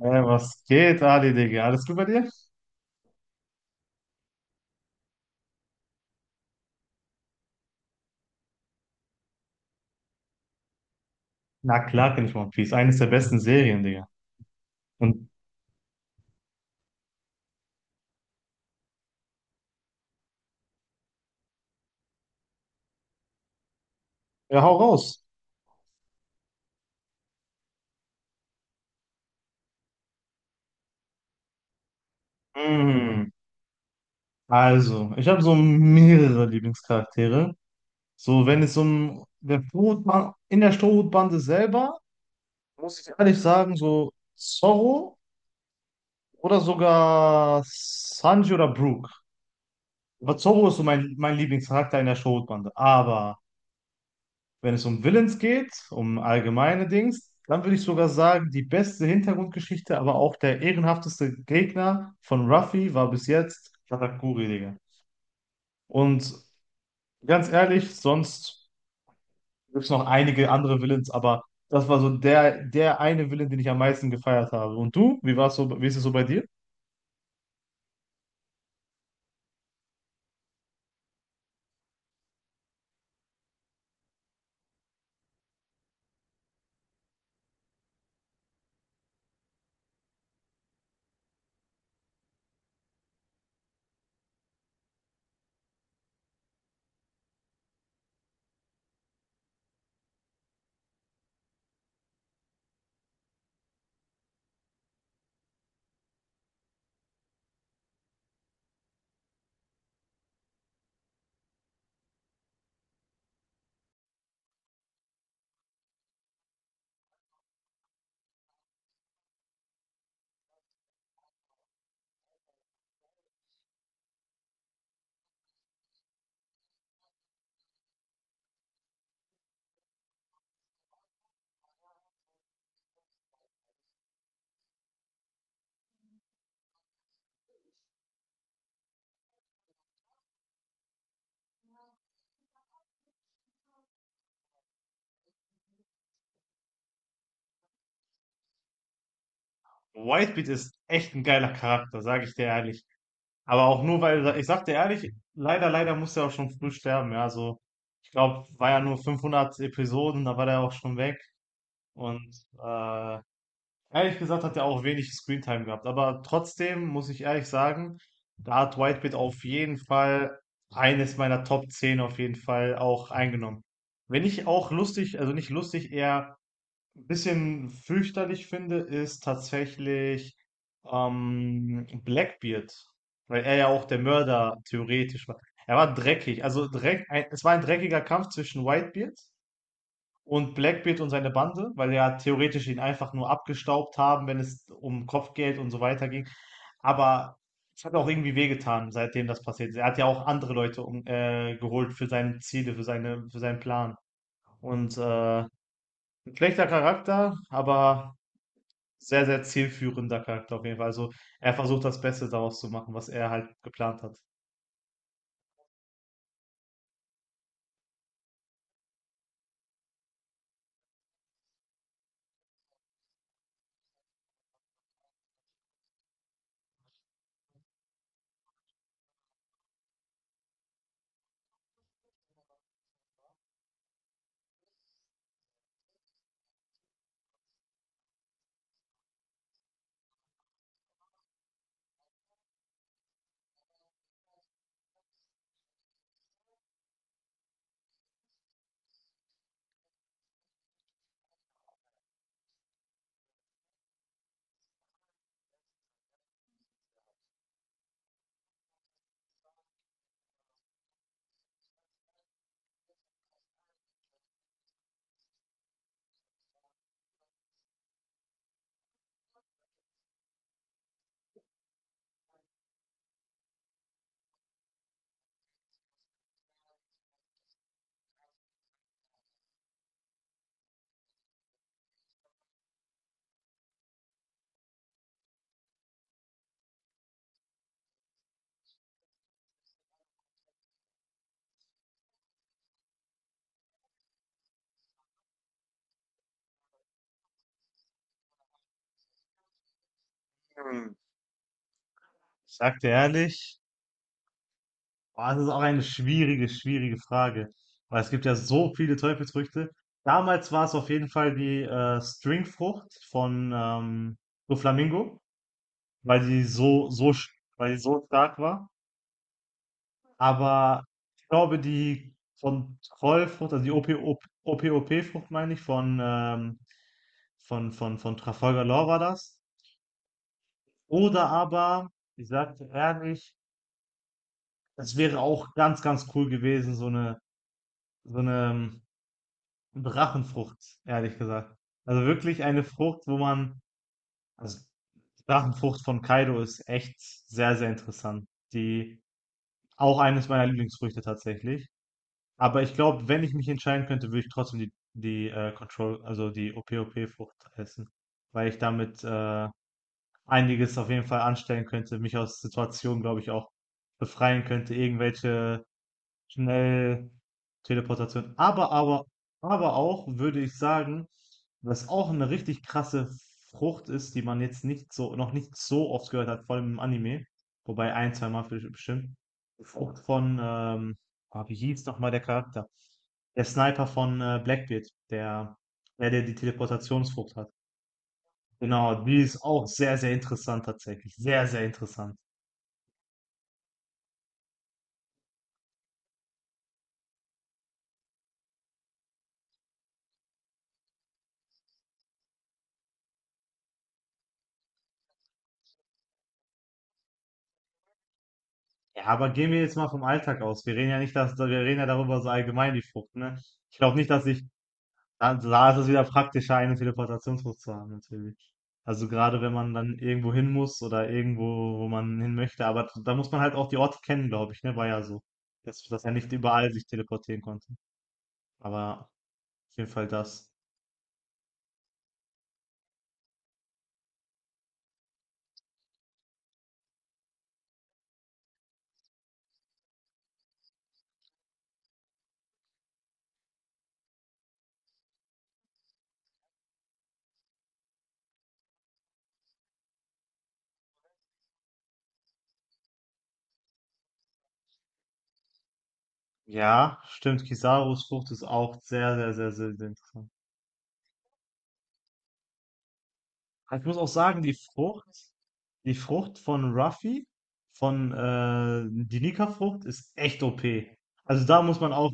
Hey, was geht, Ali, Digga? Alles gut bei dir? Na klar kenn ich One Piece. Eines der besten Serien, Digga. Und ja, hau raus. Mm. Also, ich habe so mehrere Lieblingscharaktere. So, wenn es um der Strohhutbande, in der Strohhutbande selber, muss ich ehrlich sagen, so Zorro oder sogar Sanji oder Brooke. Aber Zorro ist so mein Lieblingscharakter in der Strohhutbande. Aber wenn es um Villains geht, um allgemeine Dings, dann würde ich sogar sagen, die beste Hintergrundgeschichte, aber auch der ehrenhafteste Gegner von Ruffy war bis jetzt Katakuri, Digga. Und ganz ehrlich, sonst gibt es noch einige andere Villains, aber das war so der eine Villain, den ich am meisten gefeiert habe. Und du, wie war's so, wie ist es so bei dir? Whitebeard ist echt ein geiler Charakter, sage ich dir ehrlich. Aber auch nur, weil, ich sag dir ehrlich, leider musste er auch schon früh sterben, ja, also ich glaube, war ja nur 500 Episoden, da war der auch schon weg. Und äh, ehrlich gesagt hat er auch wenig Screentime gehabt. Aber trotzdem muss ich ehrlich sagen, da hat Whitebeard auf jeden Fall eines meiner Top 10 auf jeden Fall auch eingenommen. Wenn nicht auch lustig, also nicht lustig, eher ein bisschen fürchterlich finde, ist tatsächlich Blackbeard, weil er ja auch der Mörder theoretisch war. Er war dreckig, es war ein dreckiger Kampf zwischen Whitebeard und Blackbeard und seine Bande, weil ja theoretisch ihn einfach nur abgestaubt haben, wenn es um Kopfgeld und so weiter ging. Aber es hat auch irgendwie wehgetan, seitdem das passiert ist. Er hat ja auch andere Leute geholt für seine Ziele, für für seinen Plan. Und ein schlechter Charakter, aber sehr, sehr zielführender Charakter auf jeden Fall. Also er versucht das Beste daraus zu machen, was er halt geplant hat. Hm. Ich sag dir ehrlich, boah, das ist auch eine schwierige, schwierige Frage, weil es gibt ja so viele Teufelsfrüchte. Damals war es auf jeden Fall die Stringfrucht von Doflamingo, weil die so, so, sch- weil die so stark war. Aber ich glaube, die Kontrollfrucht, also die OPOP-Frucht, meine ich, von Trafalgar Law war das. Oder aber, ich sage dir ehrlich, es wäre auch ganz, ganz cool gewesen, so eine Drachenfrucht, ehrlich gesagt. Also wirklich eine Frucht, also die Drachenfrucht von Kaido ist echt sehr, sehr interessant. Die, auch eines meiner Lieblingsfrüchte tatsächlich. Aber ich glaube, wenn ich mich entscheiden könnte, würde ich trotzdem die Control, also die OP-OP-Frucht essen, weil ich damit einiges auf jeden Fall anstellen könnte, mich aus Situationen, glaube ich, auch befreien könnte, irgendwelche schnell Teleportation. Aber auch würde ich sagen, was auch eine richtig krasse Frucht ist, die man jetzt nicht so, noch nicht so oft gehört hat, vor allem im Anime. Wobei ein, zwei Mal vielleicht bestimmt. Die Frucht von, ah, Wie hieß nochmal der Charakter? Der Sniper von Blackbeard, der die Teleportationsfrucht hat. Genau, die ist auch sehr, sehr interessant tatsächlich. Sehr, sehr interessant. Ja, aber gehen wir jetzt mal vom Alltag aus. Wir reden ja nicht, dass, Wir reden ja darüber so allgemein die Frucht, ne? Ich glaube nicht, da ist es wieder praktischer, eine Teleportationsfrucht zu haben, natürlich. Also gerade wenn man dann irgendwo hin muss oder irgendwo, wo man hin möchte, aber da muss man halt auch die Orte kennen, glaube ich, ne? War ja so, dass er nicht überall sich teleportieren konnte. Aber auf jeden Fall das. Ja, stimmt, Kisarus Frucht ist auch sehr, sehr, sehr, sehr, sehr interessant. Aber ich muss auch sagen, die Frucht von Ruffy, von die Nika-Frucht, ist echt OP. Also da muss man auch,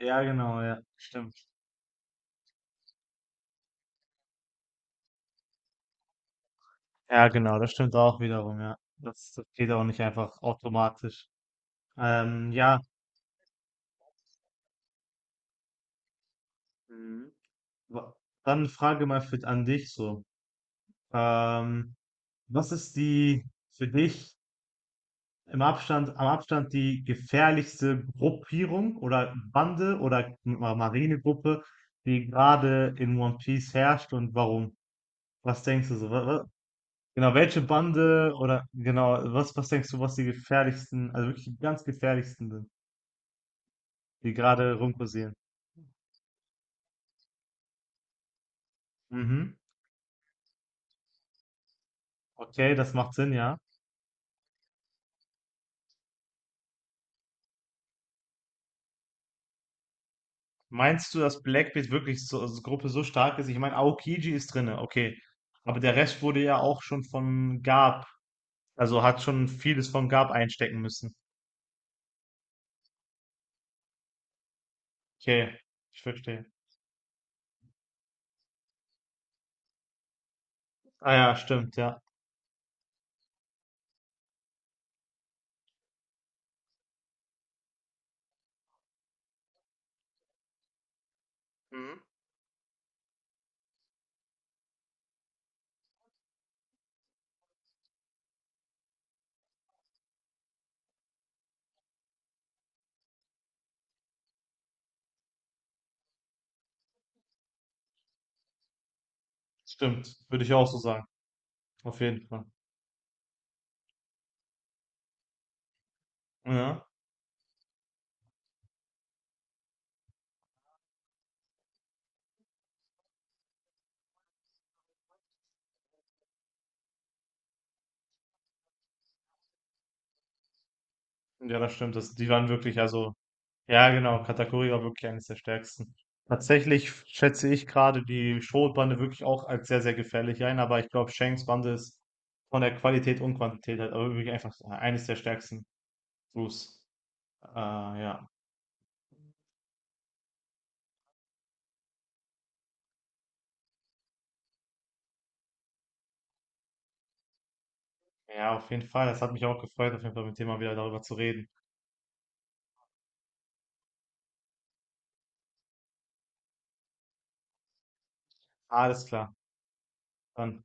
ja genau, ja, stimmt. Ja genau, das stimmt auch wiederum, ja. Das geht auch nicht einfach automatisch. Ja. Mhm. wa- dann Frage mal an dich so. Ähm, Was ist die für dich am Abstand die gefährlichste Gruppierung oder Bande oder Marinegruppe, die gerade in One Piece herrscht und warum? Was denkst du so? Genau, welche Bande oder genau, was denkst du, was die gefährlichsten, also wirklich die ganz gefährlichsten sind, die gerade rumkursieren? Mhm. Okay, das macht Sinn, ja. Meinst du, dass Blackbeard wirklich so als Gruppe so stark ist? Ich meine, Aokiji ist drinne, okay. Aber der Rest wurde ja auch schon von Garp. Also hat schon vieles von Gab einstecken müssen. Okay, ich verstehe. Ah ja, stimmt, ja. Mhm. Stimmt. Würde ich auch so sagen. Auf jeden Fall. Ja. Ja, das stimmt. Die waren wirklich, also, ja, genau, Katakuri war wirklich eines der stärksten. Tatsächlich schätze ich gerade die Schrotbande wirklich auch als sehr, sehr gefährlich ein, aber ich glaube, Shanks Bande ist von der Qualität und Quantität halt aber wirklich einfach eines der stärksten Crews. Ja. Ja, auf jeden Fall. Das hat mich auch gefreut, auf jeden Fall mit dem mal wieder darüber zu reden. Alles klar. Dann.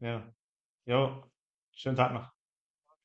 Ja. Jo. Schönen Tag noch.